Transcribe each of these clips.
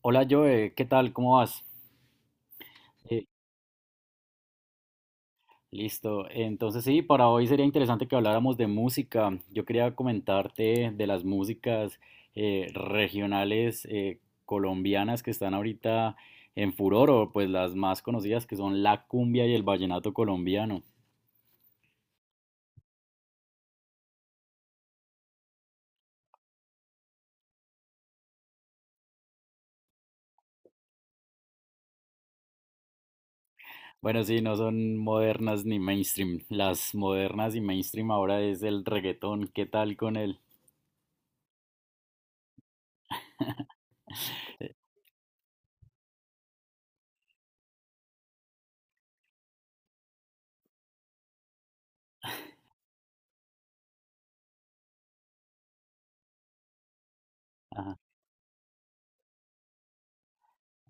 Hola Joe, ¿qué tal? ¿Cómo vas? Eh, Listo. Entonces sí, para hoy sería interesante que habláramos de música. Yo quería comentarte de las músicas regionales colombianas que están ahorita en furor, o pues las más conocidas que son la cumbia y el vallenato colombiano. Bueno, sí, no son modernas ni mainstream. Las modernas y mainstream ahora es el reggaetón. ¿Qué tal con él?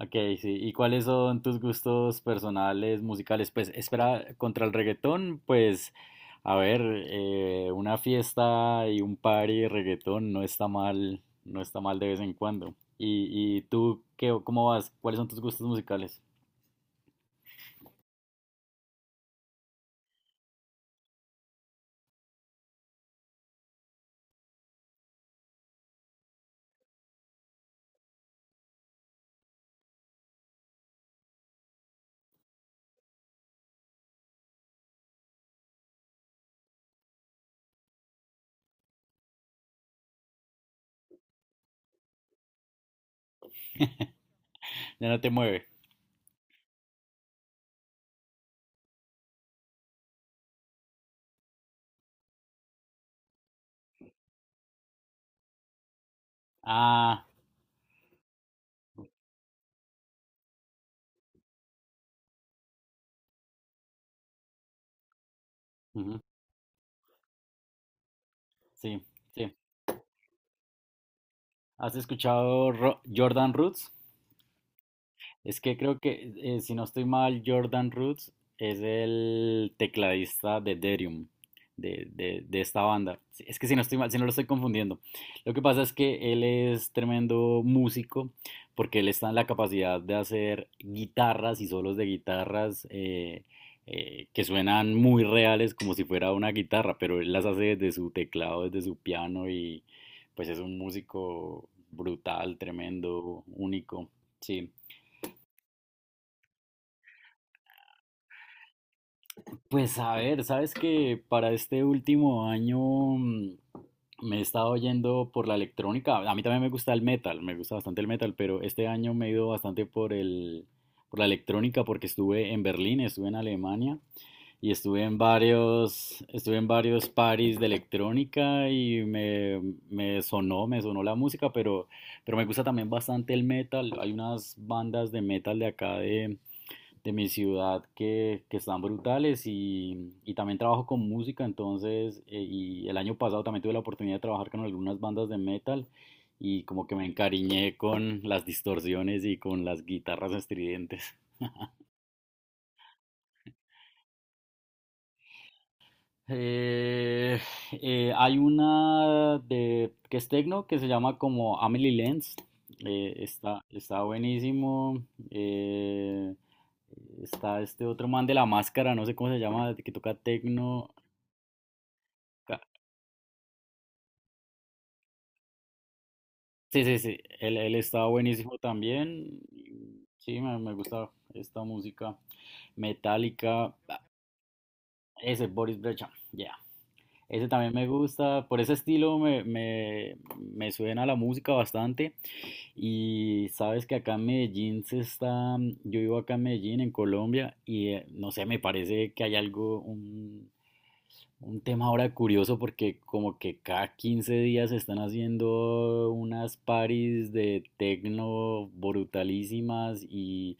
Ok, sí. ¿Y cuáles son tus gustos personales, musicales? Pues espera, contra el reggaetón, pues, a ver, una fiesta y un party de reggaetón no está mal, no está mal de vez en cuando. ¿Y, tú qué, cómo vas? ¿Cuáles son tus gustos musicales? Ya no te mueve. Ah, ujú, sí, sí. ¿Has escuchado Jordan Roots? Es que creo que, si no estoy mal, Jordan Roots es el tecladista de Derium, de esta banda. Es que si no estoy mal, si no lo estoy confundiendo. Lo que pasa es que él es tremendo músico, porque él está en la capacidad de hacer guitarras y solos de guitarras que suenan muy reales, como si fuera una guitarra, pero él las hace desde su teclado, desde su piano, y pues es un músico brutal, tremendo, único. Sí. Pues a ver, sabes que para este último año mm, me he estado yendo por la electrónica. A mí también me gusta el metal, me gusta bastante el metal, pero este año me he ido bastante por por la electrónica porque estuve en Berlín, estuve en Alemania y estuve en varios parties de electrónica y me sonó la música, pero me gusta también bastante el metal. Hay unas bandas de metal de acá de mi ciudad que están brutales y también trabajo con música, entonces, y el año pasado también tuve la oportunidad de trabajar con algunas bandas de metal y como que me encariñé con las distorsiones y con las guitarras estridentes. Eh, Hay una de, que es techno que se llama como Amelie Lenz, está, está buenísimo. eh, Está este otro man de la máscara, no sé cómo se llama, que toca techno. Sí, sí, sí, él estaba buenísimo también. Y sí, me gusta esta música metálica. Ese Boris Brejcha, ya. Ese también me gusta. Por ese estilo me suena la música bastante. Y sabes que acá en Medellín se está. Yo vivo acá en Medellín, en Colombia, y no sé, me parece que hay algo, un tema ahora curioso porque como que cada 15 días están haciendo unas paris de tecno brutalísimas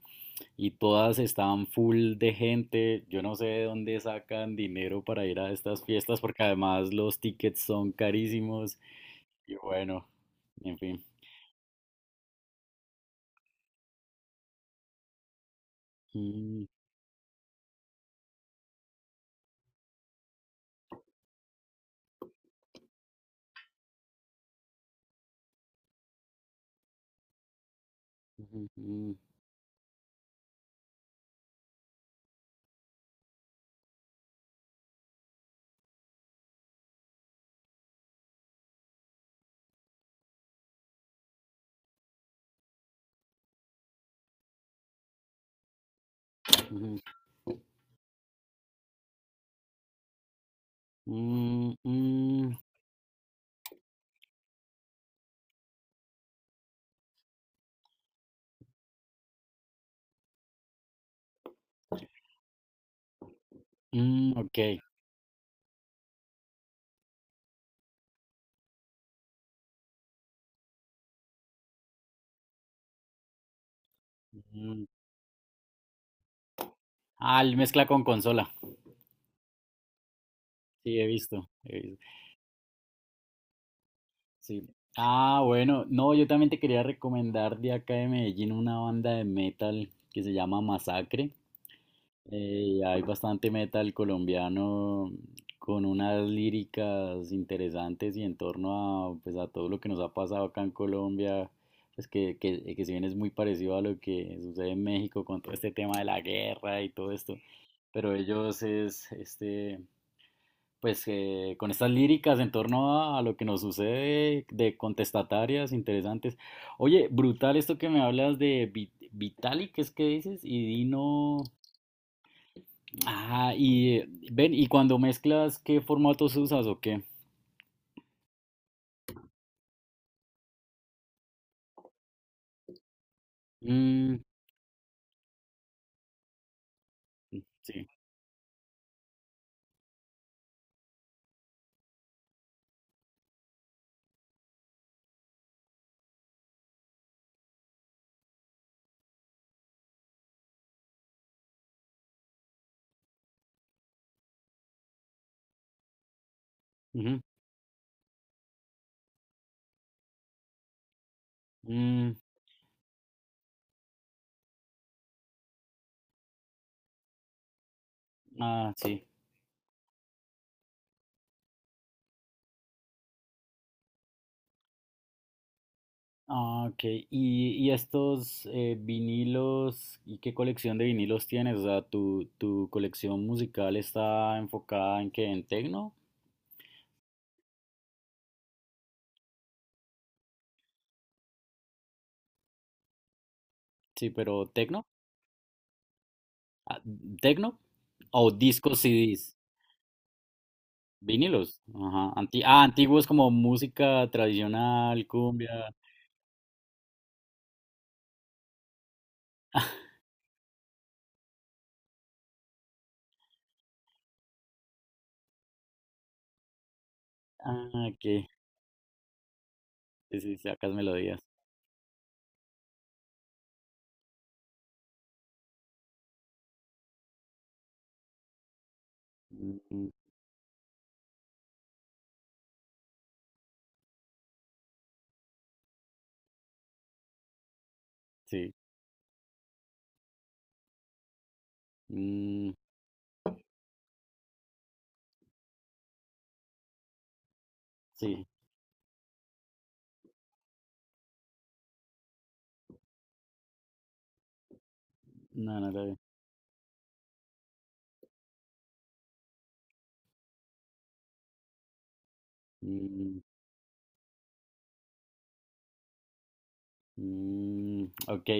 y todas están full de gente. Yo no sé de dónde sacan dinero para ir a estas fiestas porque además los tickets son carísimos. Y bueno, en fin. Mm, ujú, ujú, ujú. Mm, mm, mm, ok. Mm. Ah, el mezcla con consola. Sí, he visto, he visto. Sí. Ah, bueno, no, yo también te quería recomendar de acá de Medellín una banda de metal que se llama Masacre. Hay bastante metal colombiano con unas líricas interesantes y en torno a, pues, a todo lo que nos ha pasado acá en Colombia, pues que si bien es muy parecido a lo que sucede en México con todo este tema de la guerra y todo esto, pero ellos es este, pues con estas líricas en torno a lo que nos sucede de contestatarias interesantes. Oye, brutal esto que me hablas de Vitalik, ¿qué es que dices? Y Dino. Ah, y ven, y cuando mezclas, ¿qué formatos usas o qué? Mm, sí. Ujú, mm, ah, sí. Ah, ok. Y estos vinilos? ¿Y qué colección de vinilos tienes? O sea, tu colección musical está enfocada en qué? ¿En tecno? Sí, pero ¿tecno? Ah, ¿tecno? O discos CDs. Vinilos. Ajá. Anti ah, antiguos como música tradicional, cumbia. Ah, que sí, sí, sí, acá es melodías. Mm, sí. Mm, sí. No, no, no. Mm, ok,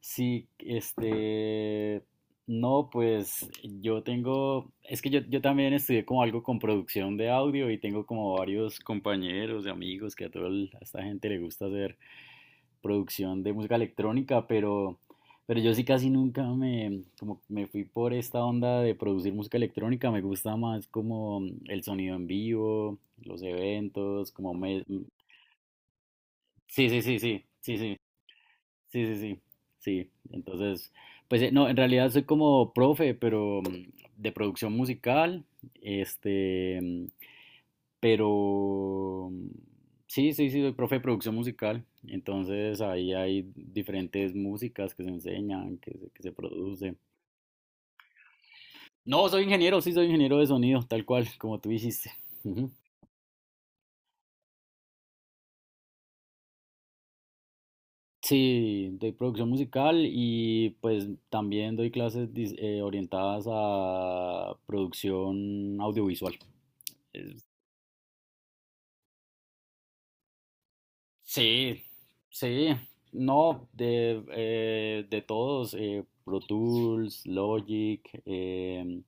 sí, este, no, pues yo tengo, es que yo también estudié como algo con producción de audio y tengo como varios compañeros y amigos que a toda a esta gente le gusta hacer producción de música electrónica, pero yo sí casi nunca me, como me fui por esta onda de producir música electrónica, me gusta más como el sonido en vivo, los eventos, como me... Sí, sí, sí, sí, sí, sí. Sí, sí, sí, sí. Entonces, pues no, en realidad soy como profe, pero de producción musical, este, pero sí, sí, sí, soy profe de producción musical. Entonces ahí hay diferentes músicas que se enseñan, que se produce. No, soy ingeniero, sí, soy ingeniero de sonido, tal cual, como tú dijiste. Sí, de producción musical y pues también doy clases orientadas a producción audiovisual. Eh, Sí, sí, no, de todos, Pro Tools, Logic,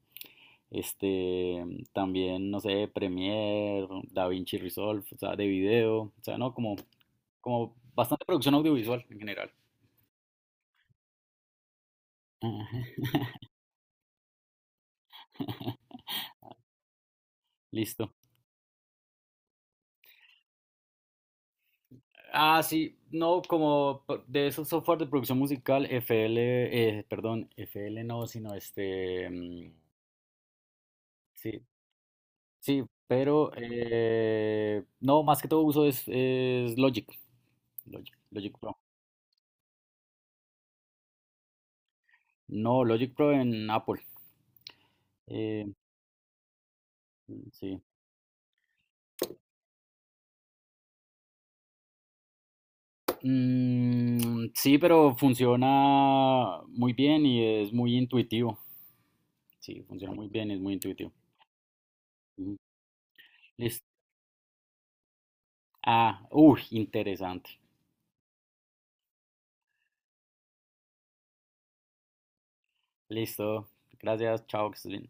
este, también, no sé, Premiere, DaVinci Resolve, o sea, de video, o sea, no, como, como bastante producción audiovisual en general. Listo. Ah, sí, no, como de esos software de producción musical, FL, perdón, FL no, sino este, sí, sí, pero no, más que todo uso es Logic, Logic Pro. No, Logic Pro en Apple. eh, sí. Mm, sí, pero funciona muy bien y es muy intuitivo. Sí, funciona muy bien, es muy intuitivo. Ujú. Listo. Ah, uy, interesante. Listo. Gracias. Chao, que estés bien.